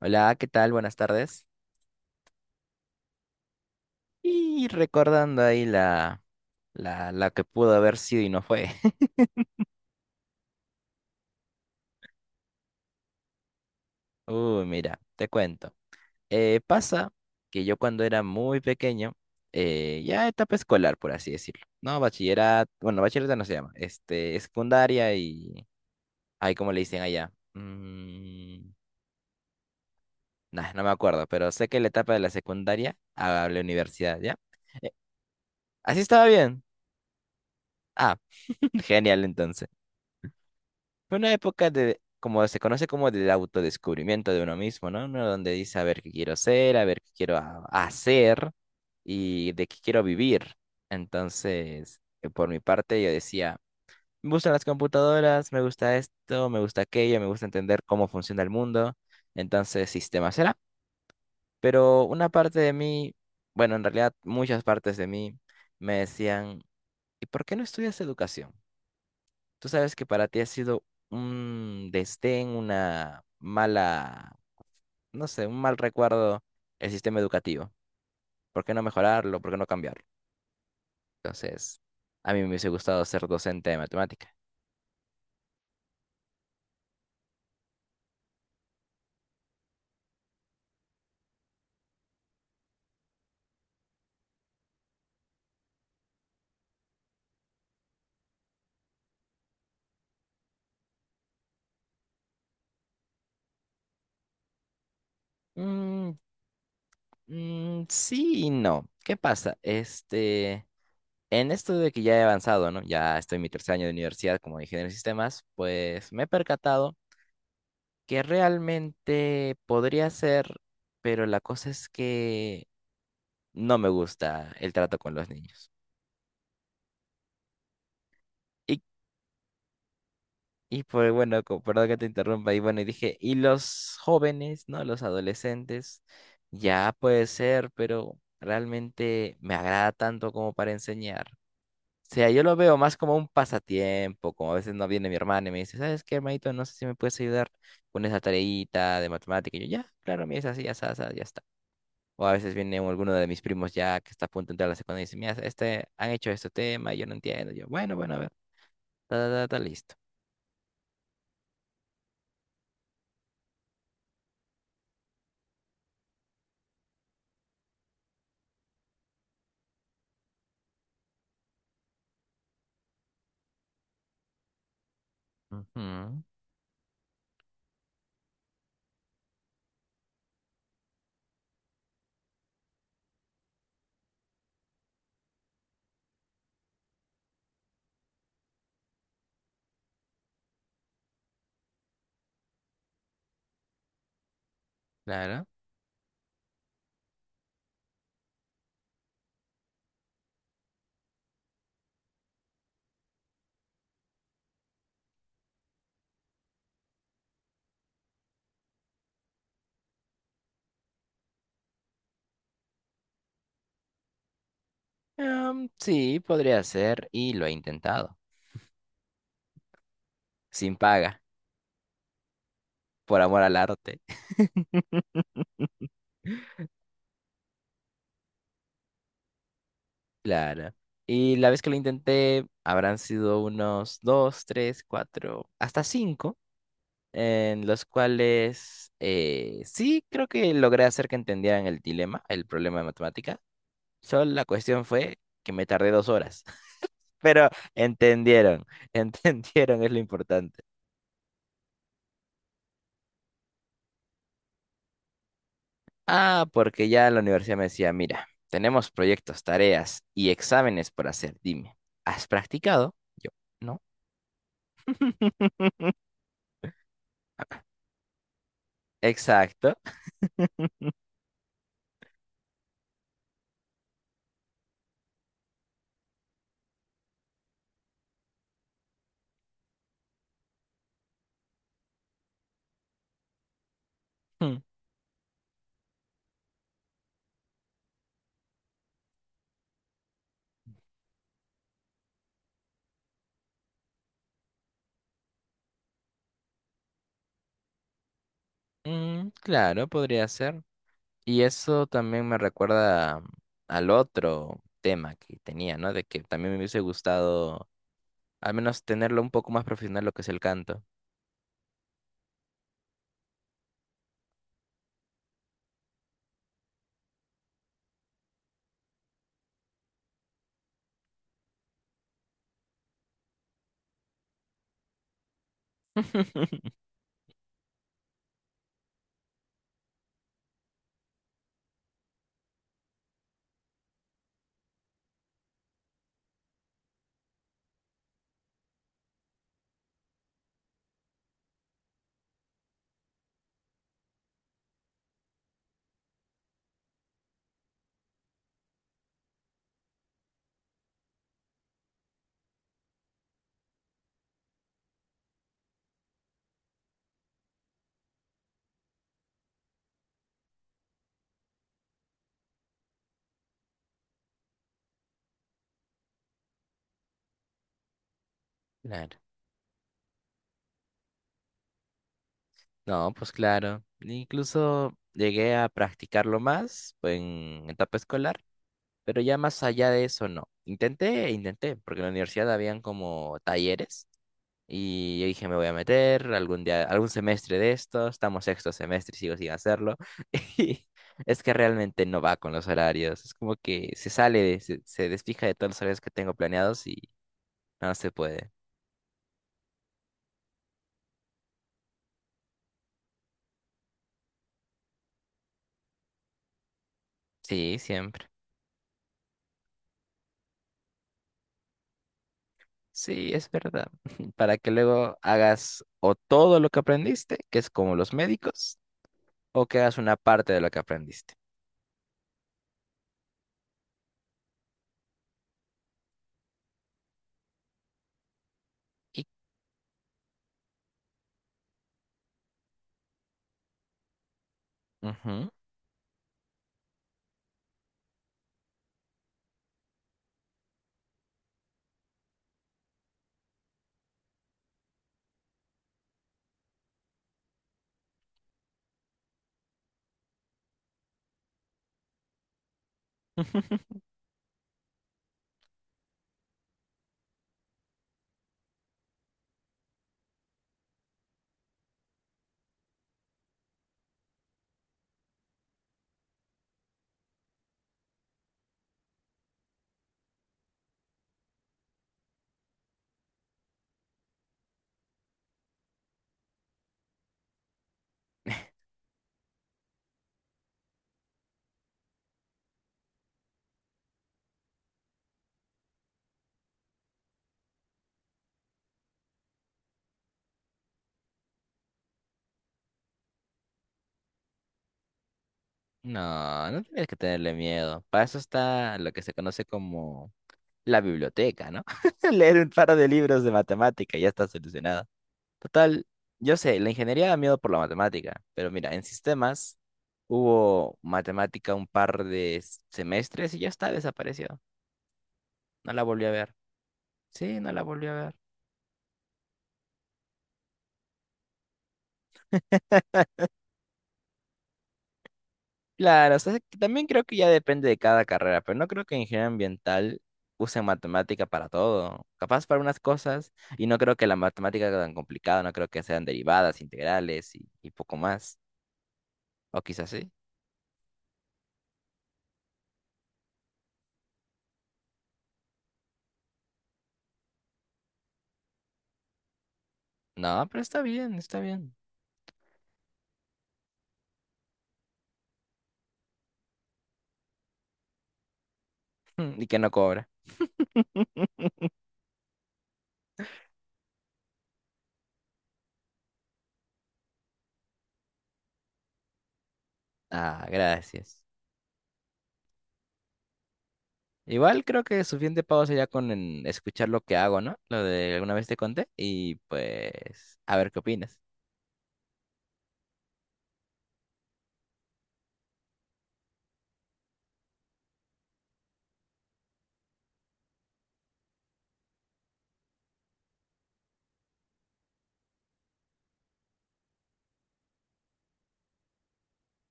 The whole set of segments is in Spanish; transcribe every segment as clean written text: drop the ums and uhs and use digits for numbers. Hola, ¿qué tal? Buenas tardes. Y recordando ahí la que pudo haber sido y no fue. Uy, mira, te cuento. Pasa que yo cuando era muy pequeño, ya etapa escolar, por así decirlo, ¿no? Bachillerato, bueno, bachillerato no se llama, este, secundaria y... Ay, ¿cómo le dicen allá? Mm, nah, no me acuerdo, pero sé que la etapa de la secundaria a la universidad, ¿ya? Eh, Así estaba bien. Ah, genial entonces. Fue una época de, como se conoce como del autodescubrimiento de uno mismo, ¿no? Uno donde dice a ver qué quiero ser, a ver qué quiero hacer y de qué quiero vivir. Entonces, por mi parte, yo decía, me gustan las computadoras, me gusta esto, me gusta aquello, me gusta entender cómo funciona el mundo. Entonces, sistema será. Pero una parte de mí, bueno, en realidad muchas partes de mí me decían, ¿y por qué no estudias educación? Tú sabes que para ti ha sido un desdén, una mala, no sé, un mal recuerdo el sistema educativo. ¿Por qué no mejorarlo? ¿Por qué no cambiarlo? Entonces, a mí me hubiese gustado ser docente de matemática. Mm, mm, sí y no. ¿Qué pasa? Este, en esto de que ya he avanzado, ¿no? Ya estoy en mi tercer año de universidad como ingeniero de sistemas, pues me he percatado que realmente podría ser, pero la cosa es que no me gusta el trato con los niños. Y, perdón que te interrumpa, y bueno, y dije, y los jóvenes, ¿no? Los adolescentes, ya puede ser, pero realmente me agrada tanto como para enseñar. O sea, yo lo veo más como un pasatiempo, como a veces no viene mi hermana y me dice, ¿sabes qué, hermanito? No sé si me puedes ayudar con esa tareita de matemática. Y yo, ya, claro, mira, es así, ya está, ya está. O a veces viene alguno de mis primos ya que está a punto de entrar a la secundaria y dice, mira, este, han hecho este tema y yo no entiendo. Yo, bueno, bueno, a ver. Ta, ta, ta, ta, listo. Ujú, claro. Em, sí, podría ser y lo he intentado. Sin paga, por amor al arte. Claro. Y la vez que lo intenté, habrán sido unos dos, tres, cuatro, hasta cinco, en los cuales sí creo que logré hacer que entendieran el dilema, el problema de matemática. Solo la cuestión fue que me tardé dos horas, pero entendieron, entendieron es lo importante. Ah, porque ya la universidad me decía, mira, tenemos proyectos, tareas y exámenes por hacer. Dime, ¿has practicado? Yo, no. Exacto. Mm, mm, claro, podría ser. Y eso también me recuerda al otro tema que tenía, ¿no? De que también me hubiese gustado al menos tenerlo un poco más profesional lo que es el canto. Claro. No, pues claro. Incluso llegué a practicarlo más en etapa escolar. Pero ya más allá de eso, no. Intenté, intenté, porque en la universidad habían como talleres y yo dije, me voy a meter algún día, algún semestre de esto, estamos sexto semestre y sigo sin hacerlo. Y es que realmente no va con los horarios, es como que se sale, se desfija de todos los horarios que tengo planeados y no se puede. Sí, siempre. Sí, es verdad. Para que luego hagas o todo lo que aprendiste, que es como los médicos, o que hagas una parte de lo que aprendiste. Y... Ujú. No, no tienes que tenerle miedo. Para eso está lo que se conoce como la biblioteca, ¿no? Leer un par de libros de matemática, ya está solucionado. Total, yo sé, la ingeniería da miedo por la matemática, pero mira, en sistemas hubo matemática un par de semestres y ya está, desapareció. No la volví a ver. Sí, no la volví a ver. Claro, o sea, que también creo que ya depende de cada carrera, pero no creo que ingeniería ambiental usen matemática para todo. Capaz para unas cosas, y no creo que la matemática sea tan complicada, no creo que sean derivadas, integrales y poco más. O quizás sí. No, pero está bien, está bien. Y que no cobra. Ah, gracias. Igual creo que suficiente pago sería con en escuchar lo que hago, ¿no? Lo de alguna vez te conté, y pues a ver qué opinas.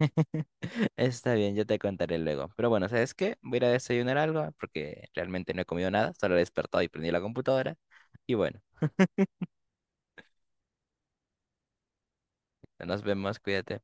Está bien, yo te contaré luego. Pero bueno, ¿sabes qué? Voy a ir a desayunar algo porque realmente no he comido nada, solo he despertado y prendí la computadora. Y bueno, nos vemos, cuídate.